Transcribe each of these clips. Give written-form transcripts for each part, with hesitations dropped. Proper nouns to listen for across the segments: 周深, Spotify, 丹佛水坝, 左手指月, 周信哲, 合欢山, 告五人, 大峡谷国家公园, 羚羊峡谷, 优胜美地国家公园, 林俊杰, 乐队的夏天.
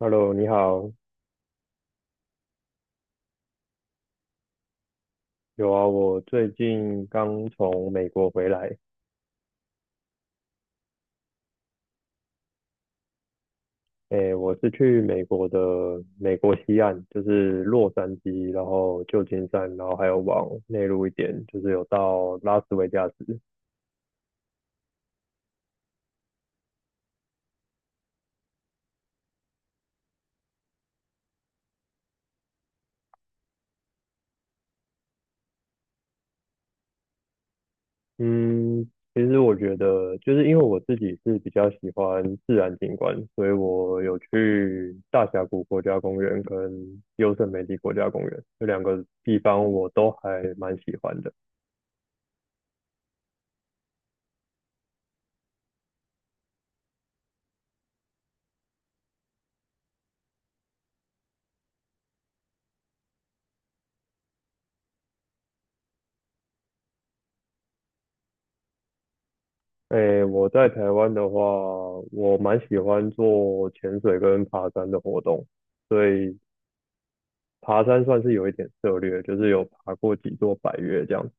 Hello，你好。有啊，我最近刚从美国回来。诶，我是去美国西岸，就是洛杉矶，然后旧金山，然后还有往内陆一点，就是有到拉斯维加斯。嗯，其实我觉得，就是因为我自己是比较喜欢自然景观，所以我有去大峡谷国家公园跟优胜美地国家公园这两个地方，我都还蛮喜欢的。诶，我在台湾的话，我蛮喜欢做潜水跟爬山的活动，所以爬山算是有一点涉略，就是有爬过几座百岳这样。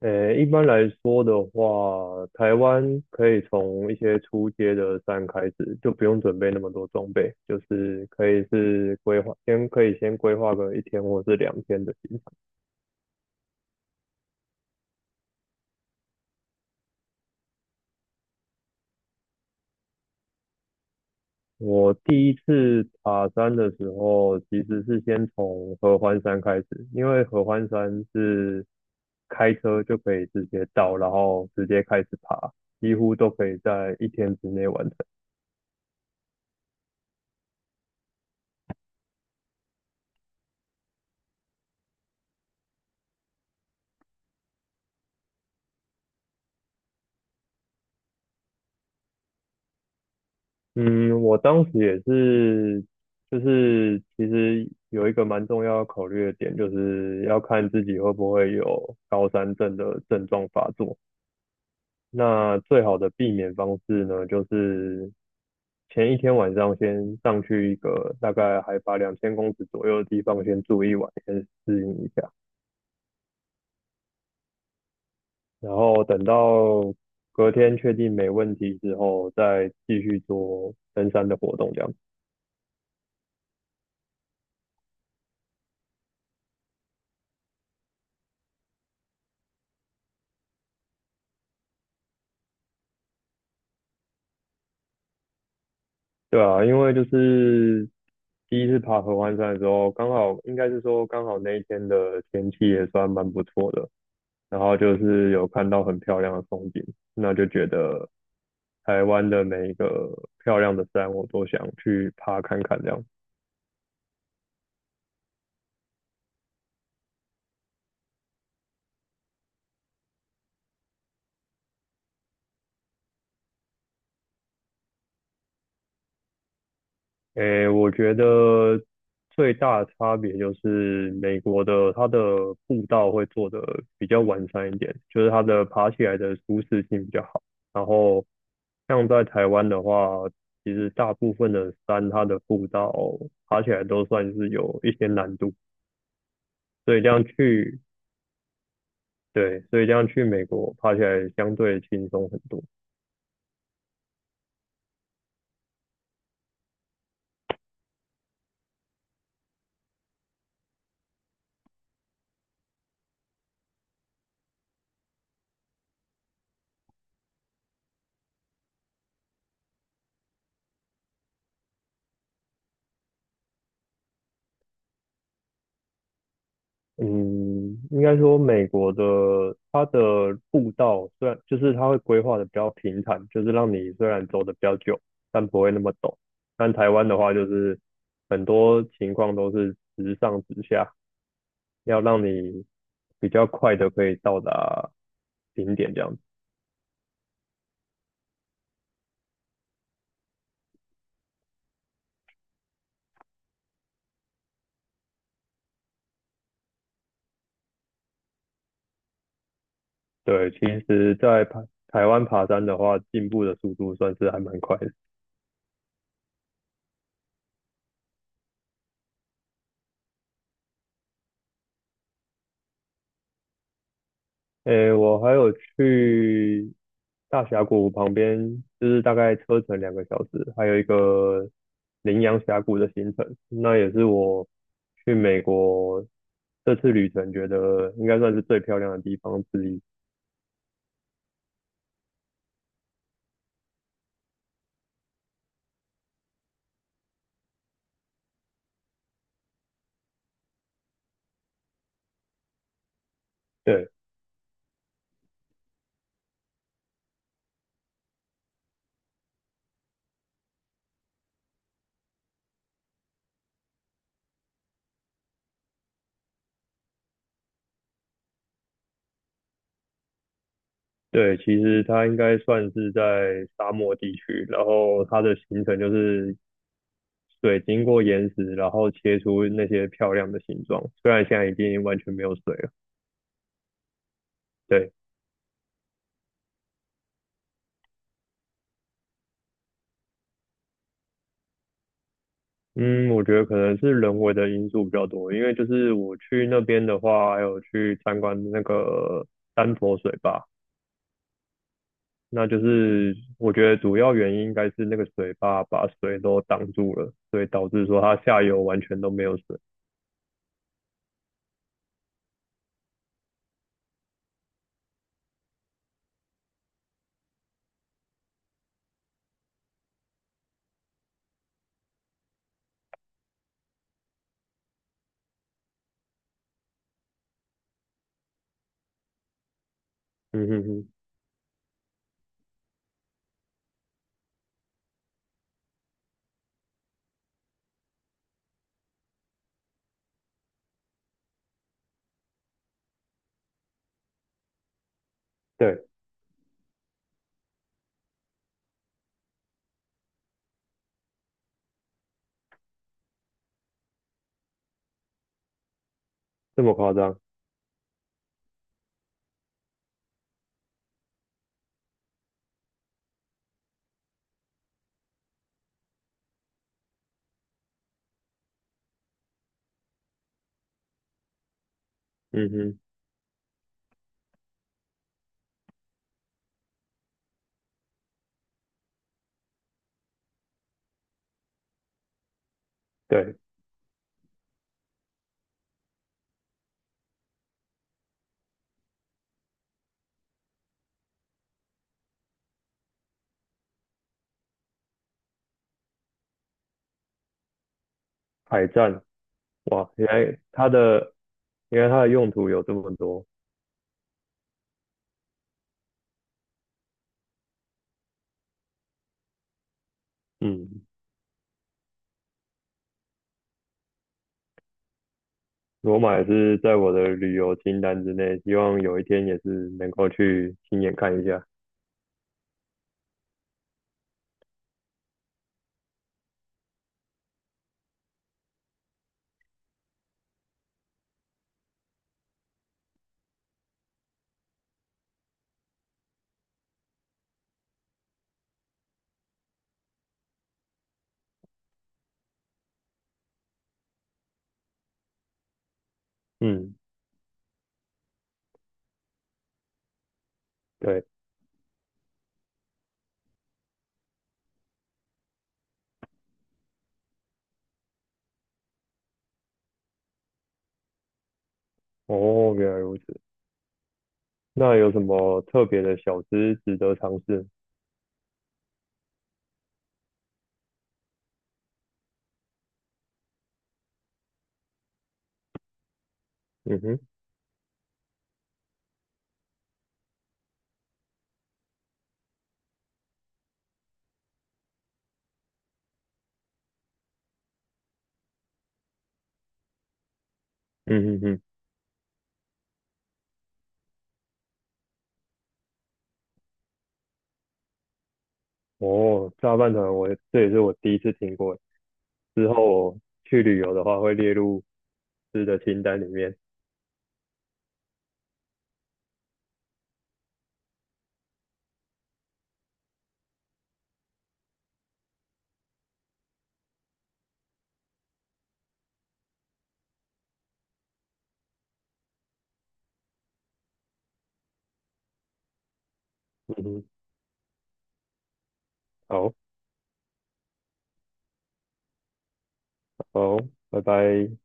诶，一般来说的话，台湾可以从一些初阶的山开始，就不用准备那么多装备，就是可以是规划，先可以先规划个一天或是2天的行程。我第一次爬山的时候，其实是先从合欢山开始，因为合欢山是开车就可以直接到，然后直接开始爬，几乎都可以在一天之内完成。嗯，我当时也是，就是其实有一个蛮重要要考虑的点，就是要看自己会不会有高山症的症状发作。那最好的避免方式呢，就是前一天晚上先上去一个大概海拔2000公尺左右的地方先住一晚，先适应一下，然后等到隔天确定没问题之后，再继续做登山的活动这样。对啊，因为就是第一次爬合欢山的时候，刚好应该是说刚好那一天的天气也算蛮不错的，然后就是有看到很漂亮的风景，那就觉得台湾的每一个漂亮的山，我都想去爬看看这样。诶，我觉得最大的差别就是美国的它的步道会做的比较完善一点，就是它的爬起来的舒适性比较好。然后像在台湾的话，其实大部分的山它的步道爬起来都算是有一些难度，所以这样去，对，所以这样去美国爬起来相对轻松很多。嗯，应该说美国的它的步道虽然就是它会规划的比较平坦，就是让你虽然走的比较久，但不会那么陡。但台湾的话，就是很多情况都是直上直下，要让你比较快的可以到达顶点这样子。对，其实在爬台湾爬山的话，进步的速度算是还蛮快的。诶，我还有去大峡谷旁边，就是大概车程2个小时，还有一个羚羊峡谷的行程，那也是我去美国这次旅程觉得应该算是最漂亮的地方之一。对对，其实它应该算是在沙漠地区，然后它的行程就是水经过岩石，然后切出那些漂亮的形状，虽然现在已经完全没有水了。对。嗯，我觉得可能是人为的因素比较多，因为就是我去那边的话，还有去参观那个丹佛水坝，那就是我觉得主要原因应该是那个水坝把水都挡住了，所以导致说它下游完全都没有水。嗯哼哼，对，这么夸张。嗯哼，对，海战，哇，原来它的用途有这么多。嗯，罗马也是在我的旅游清单之内，希望有一天也是能够去亲眼看一下。嗯。对，哦，原来如此。那有什么特别的小吃值得尝试？嗯哼，嗯哼哼，哦，炸饭团这也是我第一次听过，之后我去旅游的话会列入吃的清单里面。嗯哼，好，好，拜拜。